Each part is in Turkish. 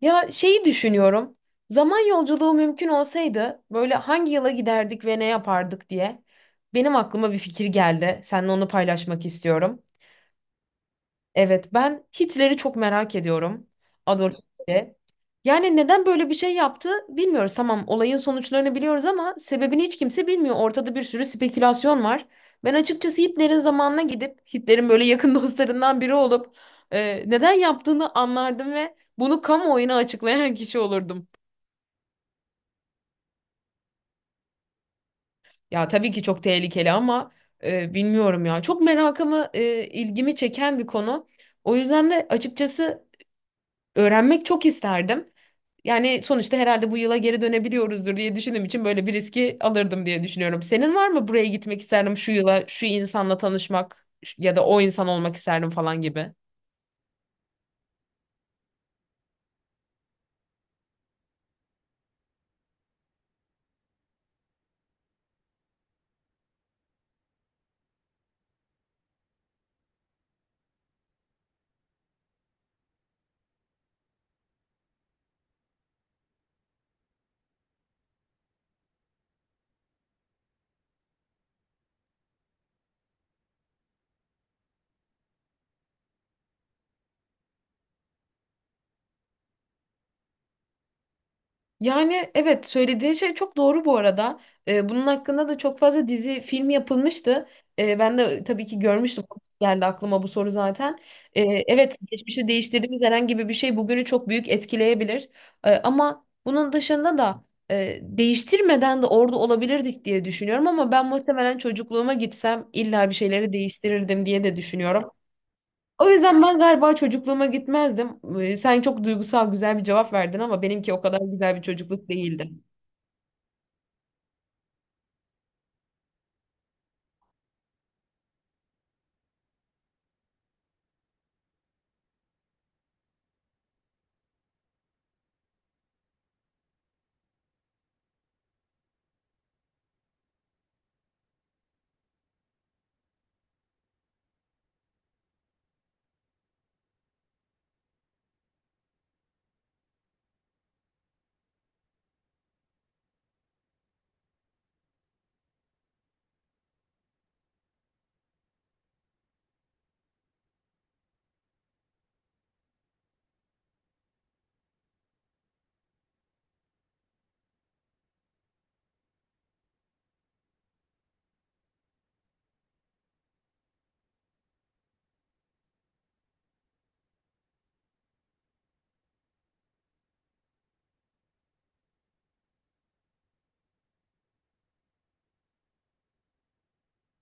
Ya şeyi düşünüyorum. Zaman yolculuğu mümkün olsaydı böyle hangi yıla giderdik ve ne yapardık diye. Benim aklıma bir fikir geldi. Seninle onu paylaşmak istiyorum. Evet, ben Hitler'i çok merak ediyorum. Adolf Hitler'i. Yani neden böyle bir şey yaptı bilmiyoruz. Tamam, olayın sonuçlarını biliyoruz ama sebebini hiç kimse bilmiyor. Ortada bir sürü spekülasyon var. Ben açıkçası Hitler'in zamanına gidip Hitler'in böyle yakın dostlarından biri olup neden yaptığını anlardım ve bunu kamuoyuna açıklayan kişi olurdum. Ya tabii ki çok tehlikeli ama bilmiyorum ya. Çok merakımı, ilgimi çeken bir konu. O yüzden de açıkçası öğrenmek çok isterdim. Yani sonuçta herhalde bu yıla geri dönebiliyoruzdur diye düşündüğüm için böyle bir riski alırdım diye düşünüyorum. Senin var mı buraya gitmek isterdim şu yıla, şu insanla tanışmak ya da o insan olmak isterdim falan gibi? Yani evet söylediğin şey çok doğru bu arada. Bunun hakkında da çok fazla dizi, film yapılmıştı. Ben de tabii ki görmüştüm. Geldi aklıma bu soru zaten. Ee, evet geçmişi değiştirdiğimiz herhangi bir şey bugünü çok büyük etkileyebilir. Ama bunun dışında da değiştirmeden de orada olabilirdik diye düşünüyorum. Ama ben muhtemelen çocukluğuma gitsem illa bir şeyleri değiştirirdim diye de düşünüyorum. O yüzden ben galiba çocukluğuma gitmezdim. Sen çok duygusal güzel bir cevap verdin ama benimki o kadar güzel bir çocukluk değildi.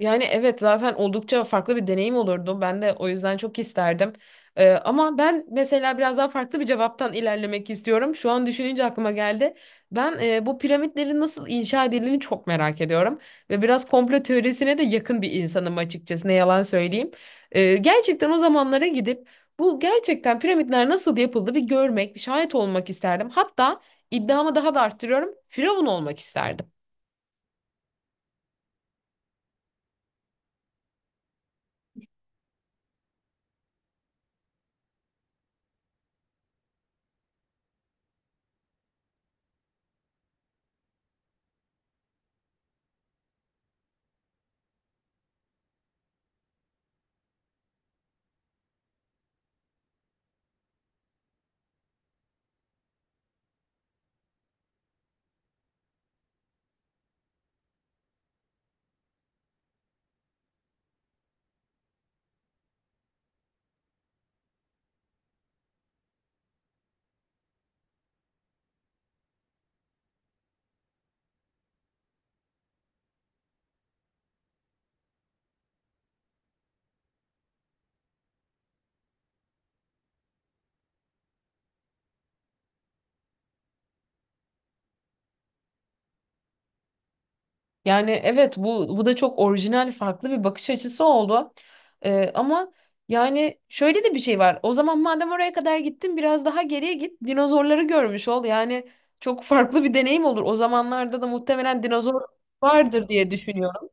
Yani evet zaten oldukça farklı bir deneyim olurdu. Ben de o yüzden çok isterdim. Ama ben mesela biraz daha farklı bir cevaptan ilerlemek istiyorum. Şu an düşününce aklıma geldi. Ben bu piramitlerin nasıl inşa edildiğini çok merak ediyorum. Ve biraz komplo teorisine de yakın bir insanım açıkçası. Ne yalan söyleyeyim. Gerçekten o zamanlara gidip bu gerçekten piramitler nasıl yapıldı bir görmek, bir şahit olmak isterdim. Hatta iddiamı daha da arttırıyorum. Firavun olmak isterdim. Yani evet bu da çok orijinal farklı bir bakış açısı oldu. Ama yani şöyle de bir şey var. O zaman madem oraya kadar gittin biraz daha geriye git dinozorları görmüş ol. Yani çok farklı bir deneyim olur. O zamanlarda da muhtemelen dinozor vardır diye düşünüyorum.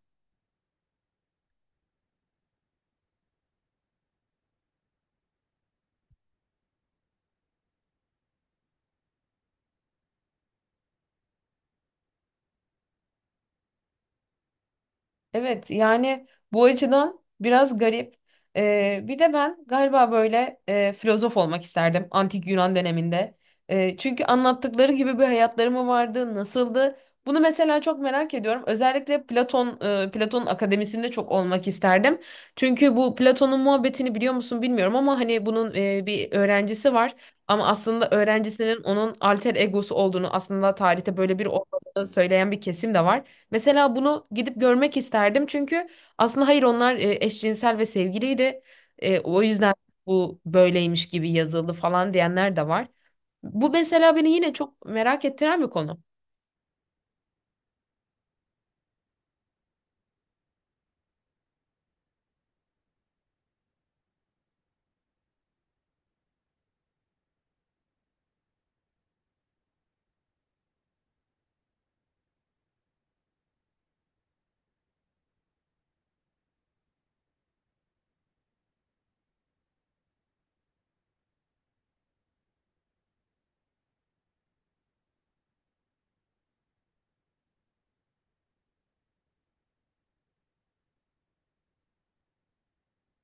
Evet yani bu açıdan biraz garip. Bir de ben galiba böyle filozof olmak isterdim antik Yunan döneminde. Çünkü anlattıkları gibi bir hayatları mı vardı, nasıldı? Bunu mesela çok merak ediyorum. Özellikle Platon, Platon'un akademisinde çok olmak isterdim. Çünkü bu Platon'un muhabbetini biliyor musun bilmiyorum ama hani bunun bir öğrencisi var. Ama aslında öğrencisinin onun alter egosu olduğunu, aslında tarihte böyle bir olmadığını söyleyen bir kesim de var. Mesela bunu gidip görmek isterdim çünkü aslında hayır onlar eşcinsel ve sevgiliydi. O yüzden bu böyleymiş gibi yazıldı falan diyenler de var. Bu mesela beni yine çok merak ettiren bir konu.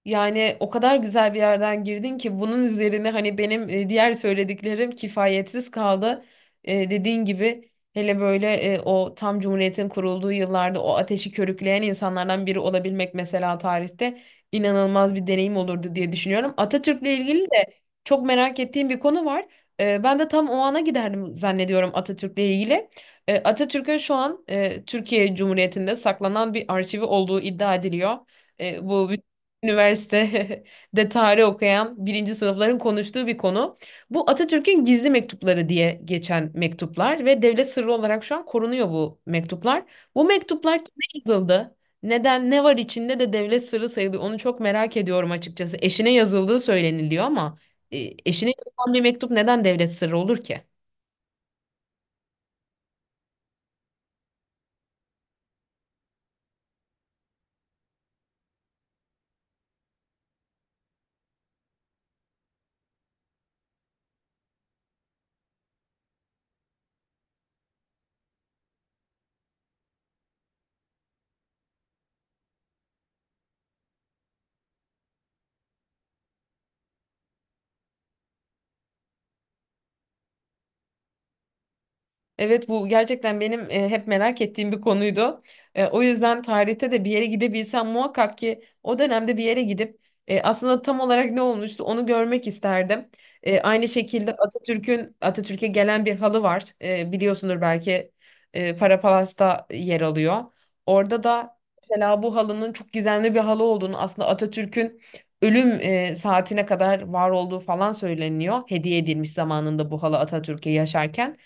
Yani o kadar güzel bir yerden girdin ki bunun üzerine hani benim diğer söylediklerim kifayetsiz kaldı. Dediğin gibi hele böyle o tam Cumhuriyet'in kurulduğu yıllarda o ateşi körükleyen insanlardan biri olabilmek mesela tarihte inanılmaz bir deneyim olurdu diye düşünüyorum. Atatürk'le ilgili de çok merak ettiğim bir konu var. Ben de tam o ana giderdim zannediyorum Atatürk'le ilgili. Atatürk'ün şu an Türkiye Cumhuriyeti'nde saklanan bir arşivi olduğu iddia ediliyor. Bu Üniversite de tarih okuyan birinci sınıfların konuştuğu bir konu. Bu Atatürk'ün gizli mektupları diye geçen mektuplar ve devlet sırrı olarak şu an korunuyor bu mektuplar. Bu mektuplar kime yazıldı? Neden, ne var içinde de devlet sırrı sayılıyor? Onu çok merak ediyorum açıkçası. Eşine yazıldığı söyleniliyor ama e, eşine yazılan bir mektup neden devlet sırrı olur ki? Evet bu gerçekten benim hep merak ettiğim bir konuydu. O yüzden tarihte de bir yere gidebilsem muhakkak ki o dönemde bir yere gidip aslında tam olarak ne olmuştu onu görmek isterdim. Aynı şekilde Atatürk'e gelen bir halı var. Biliyorsundur belki Para Palas'ta yer alıyor. Orada da mesela bu halının çok gizemli bir halı olduğunu aslında Atatürk'ün ölüm saatine kadar var olduğu falan söyleniyor. Hediye edilmiş zamanında bu halı Atatürk'e yaşarken.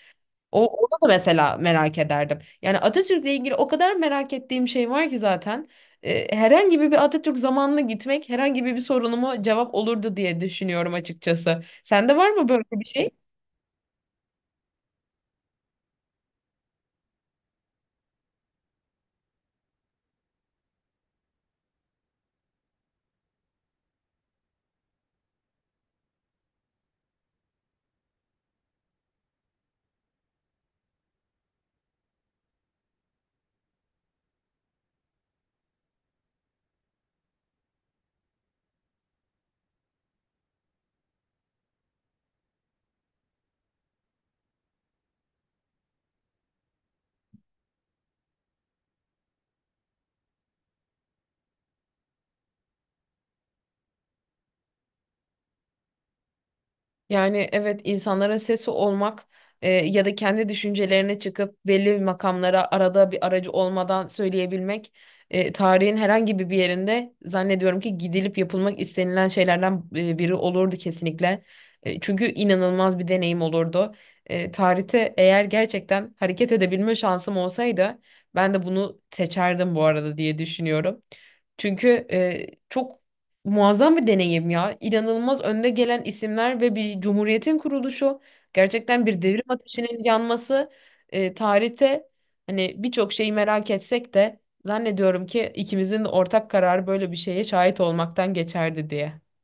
Onu da mesela merak ederdim. Yani Atatürk'le ilgili o kadar merak ettiğim şey var ki zaten. Herhangi bir Atatürk zamanına gitmek herhangi bir sorunumu cevap olurdu diye düşünüyorum açıkçası. Sende var mı böyle bir şey? Yani evet insanlara sesi olmak ya da kendi düşüncelerine çıkıp belli bir makamlara arada bir aracı olmadan söyleyebilmek tarihin herhangi bir yerinde zannediyorum ki gidilip yapılmak istenilen şeylerden biri olurdu kesinlikle. Çünkü inanılmaz bir deneyim olurdu. Tarihte eğer gerçekten hareket edebilme şansım olsaydı ben de bunu seçerdim bu arada diye düşünüyorum. Çünkü e, çok muazzam bir deneyim ya. İnanılmaz önde gelen isimler ve bir cumhuriyetin kuruluşu. Gerçekten bir devrim ateşinin yanması. Tarihte hani birçok şeyi merak etsek de zannediyorum ki ikimizin de ortak kararı böyle bir şeye şahit olmaktan geçerdi diye.